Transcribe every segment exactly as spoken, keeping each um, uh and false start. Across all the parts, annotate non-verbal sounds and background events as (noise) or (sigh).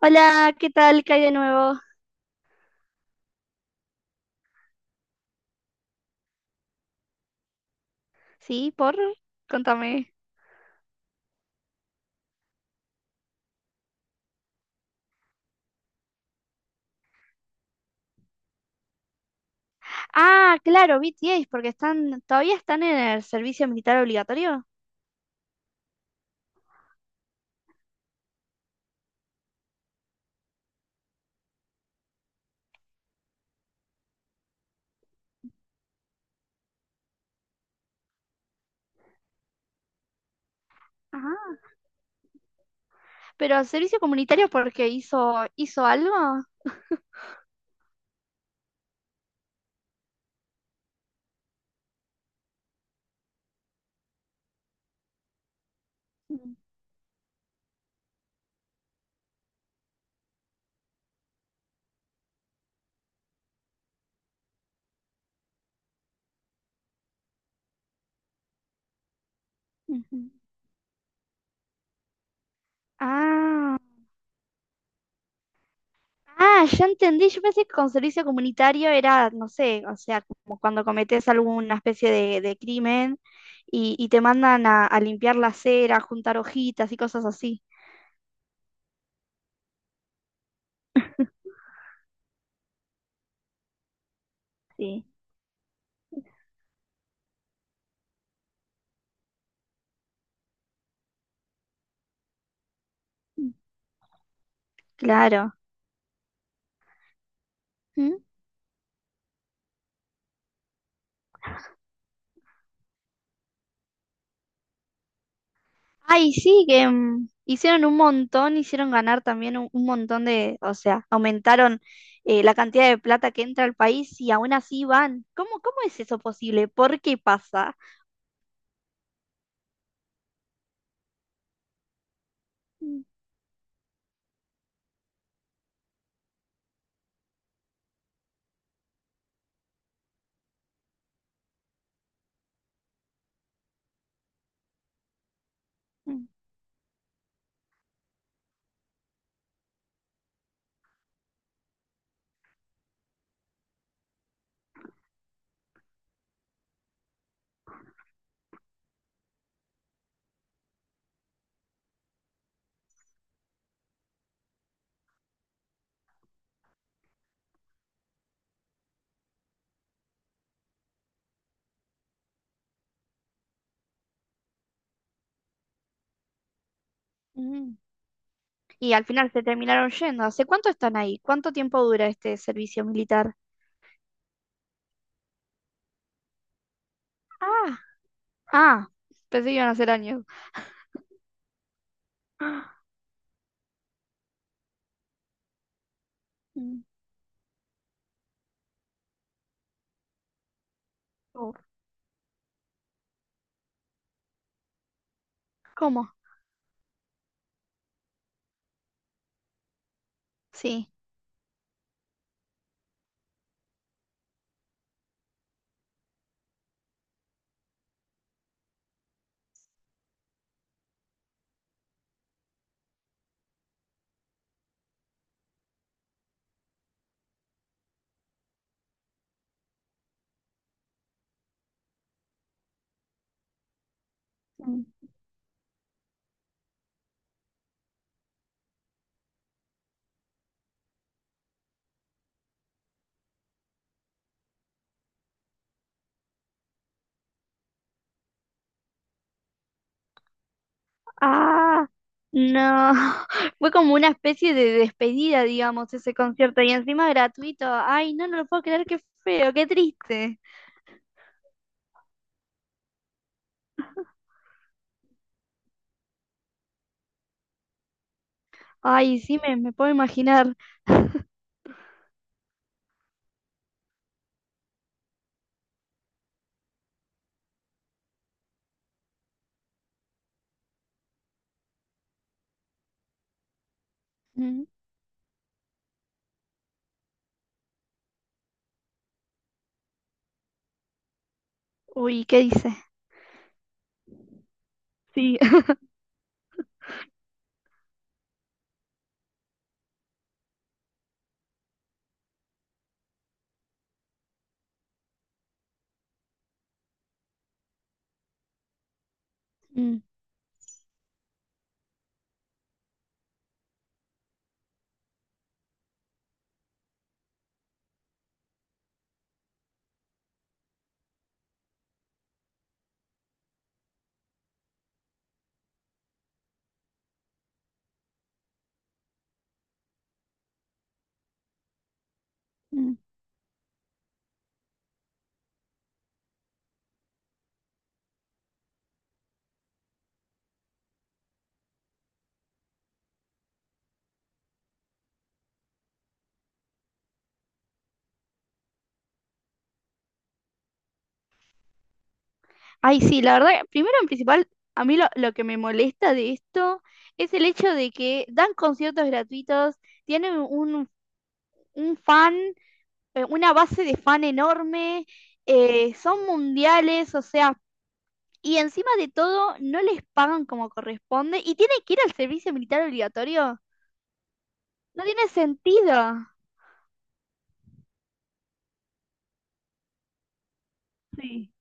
Hola, ¿qué tal? ¿Qué hay de nuevo? Sí, por, contame. Ah, claro, B T S, porque están, todavía están en el servicio militar obligatorio. Ajá. Pero el servicio comunitario porque hizo, hizo algo. Mm, ujú. Ah, ah, ya entendí. Yo pensé que con servicio comunitario era, no sé, o sea, como cuando cometes alguna especie de, de crimen y, y te mandan a, a limpiar la acera, a juntar hojitas y cosas así. Sí. Mm, claro. Ay, sí, que mm, hicieron un montón, hicieron ganar también un, un montón de, o sea, aumentaron eh, la cantidad de plata que entra al país y aún así van. ¿Cómo, cómo es eso posible? ¿Por qué pasa? Mm, mm, mm. Y al final se terminaron yendo. ¿Hace cuánto están ahí? ¿Cuánto tiempo dura este servicio militar? Ah, ah, pensé que iban a ser años. (gasps) Ah, mm, oh, ¿cómo? Sí. Ah, no. (laughs) Fue como una especie de despedida, digamos, ese concierto. Y encima gratuito. Ay, no, no lo puedo creer, qué feo, qué triste. Ay, sí, me, me puedo imaginar. Mm, uy, ¿qué dice? Sí. (laughs) Mm, mm. Ay, sí, la verdad, primero en principal, a mí lo, lo que me molesta de esto es el hecho de que dan conciertos gratuitos, tienen un, un fan, eh, una base de fan enorme, eh, son mundiales, o sea. Y encima de todo, no les pagan como corresponde y tienen que ir al servicio militar obligatorio. No tiene sentido. Sí.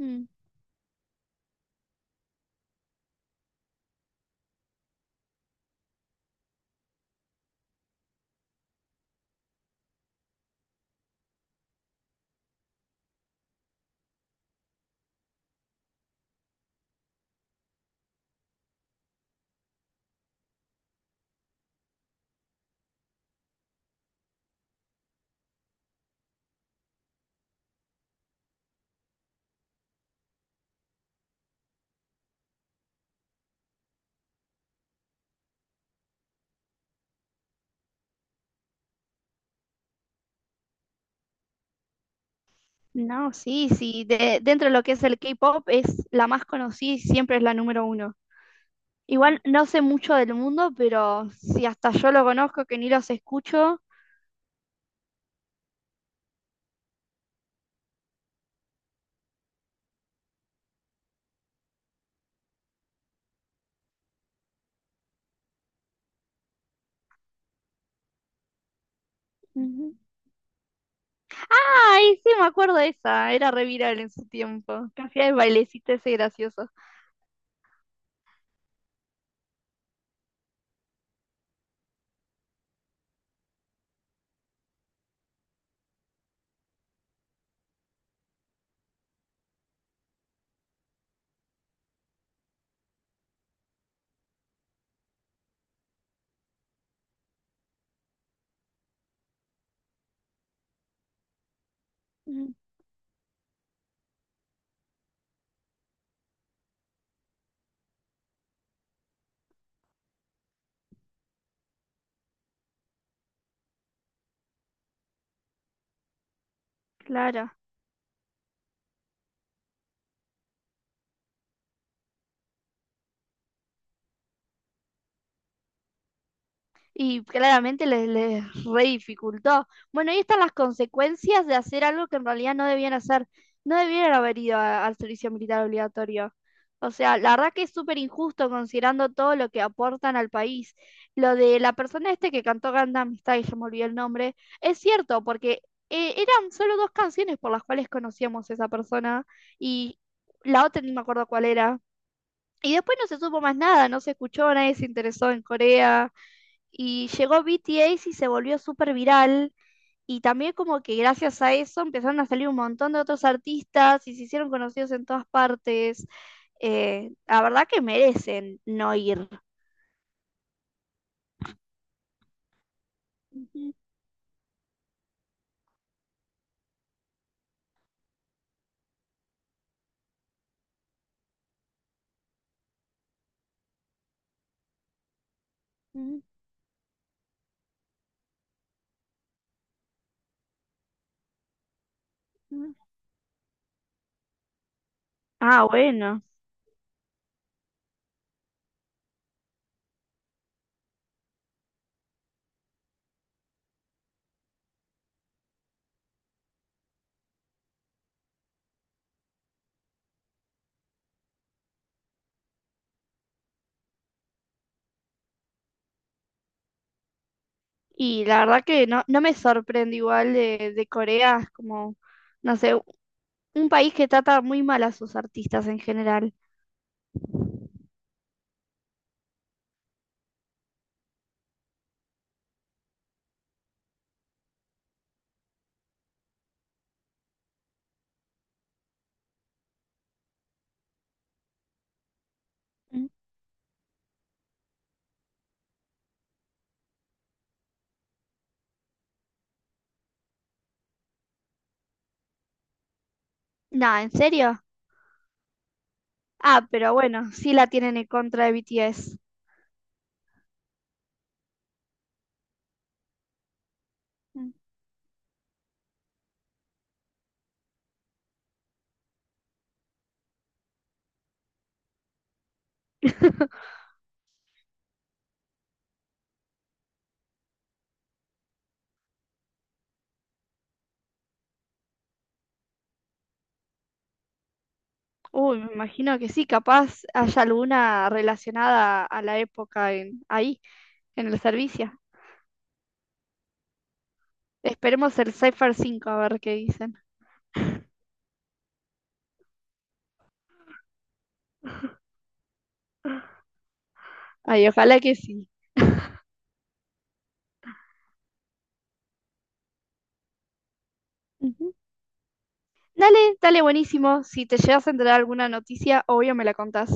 Mm, no, sí, sí. de- dentro de lo que es el K-pop, es la más conocida y siempre es la número uno. Igual no sé mucho del mundo, pero si hasta yo lo conozco, que ni los escucho. Ujú. Ay, sí, me acuerdo de esa. Era re viral en su tiempo. Que hacía el bailecito ese gracioso. Ujú. Claro. Y claramente les, les re dificultó. Bueno, ahí están las consecuencias de hacer algo que en realidad no debían hacer. No debieron haber ido a- al servicio militar obligatorio. O sea, la verdad que es súper injusto considerando todo lo que aportan al país. Lo de la persona este que cantó Gandam Amistad" y ya me olvidé el nombre, es cierto, porque eh, eran solo dos canciones por las cuales conocíamos a esa persona y la otra ni me acuerdo cuál era. Y después no se supo más nada, no se escuchó, nadie se interesó en Corea. Y llegó B T S y se volvió súper viral. Y también como que gracias a eso empezaron a salir un montón de otros artistas y se hicieron conocidos en todas partes. Eh, la verdad que merecen no ir. Ujú, ujú, ujú. Ah, bueno. Y la verdad que no, no me sorprende igual de, de Corea, es como, no sé, un país que trata muy mal a sus artistas en general. Mm, nada, ¿en serio? Ah, pero bueno, sí la tienen en contra de B T S. Uy, me imagino que sí, capaz haya alguna relacionada a la época en, ahí, en el servicio. Esperemos el Cypher cinco a ver qué dicen. Ay, ojalá que sí. Ujú. Dale, dale, buenísimo. Si te llegas a enterar alguna noticia, obvio me la contás.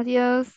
Adiós.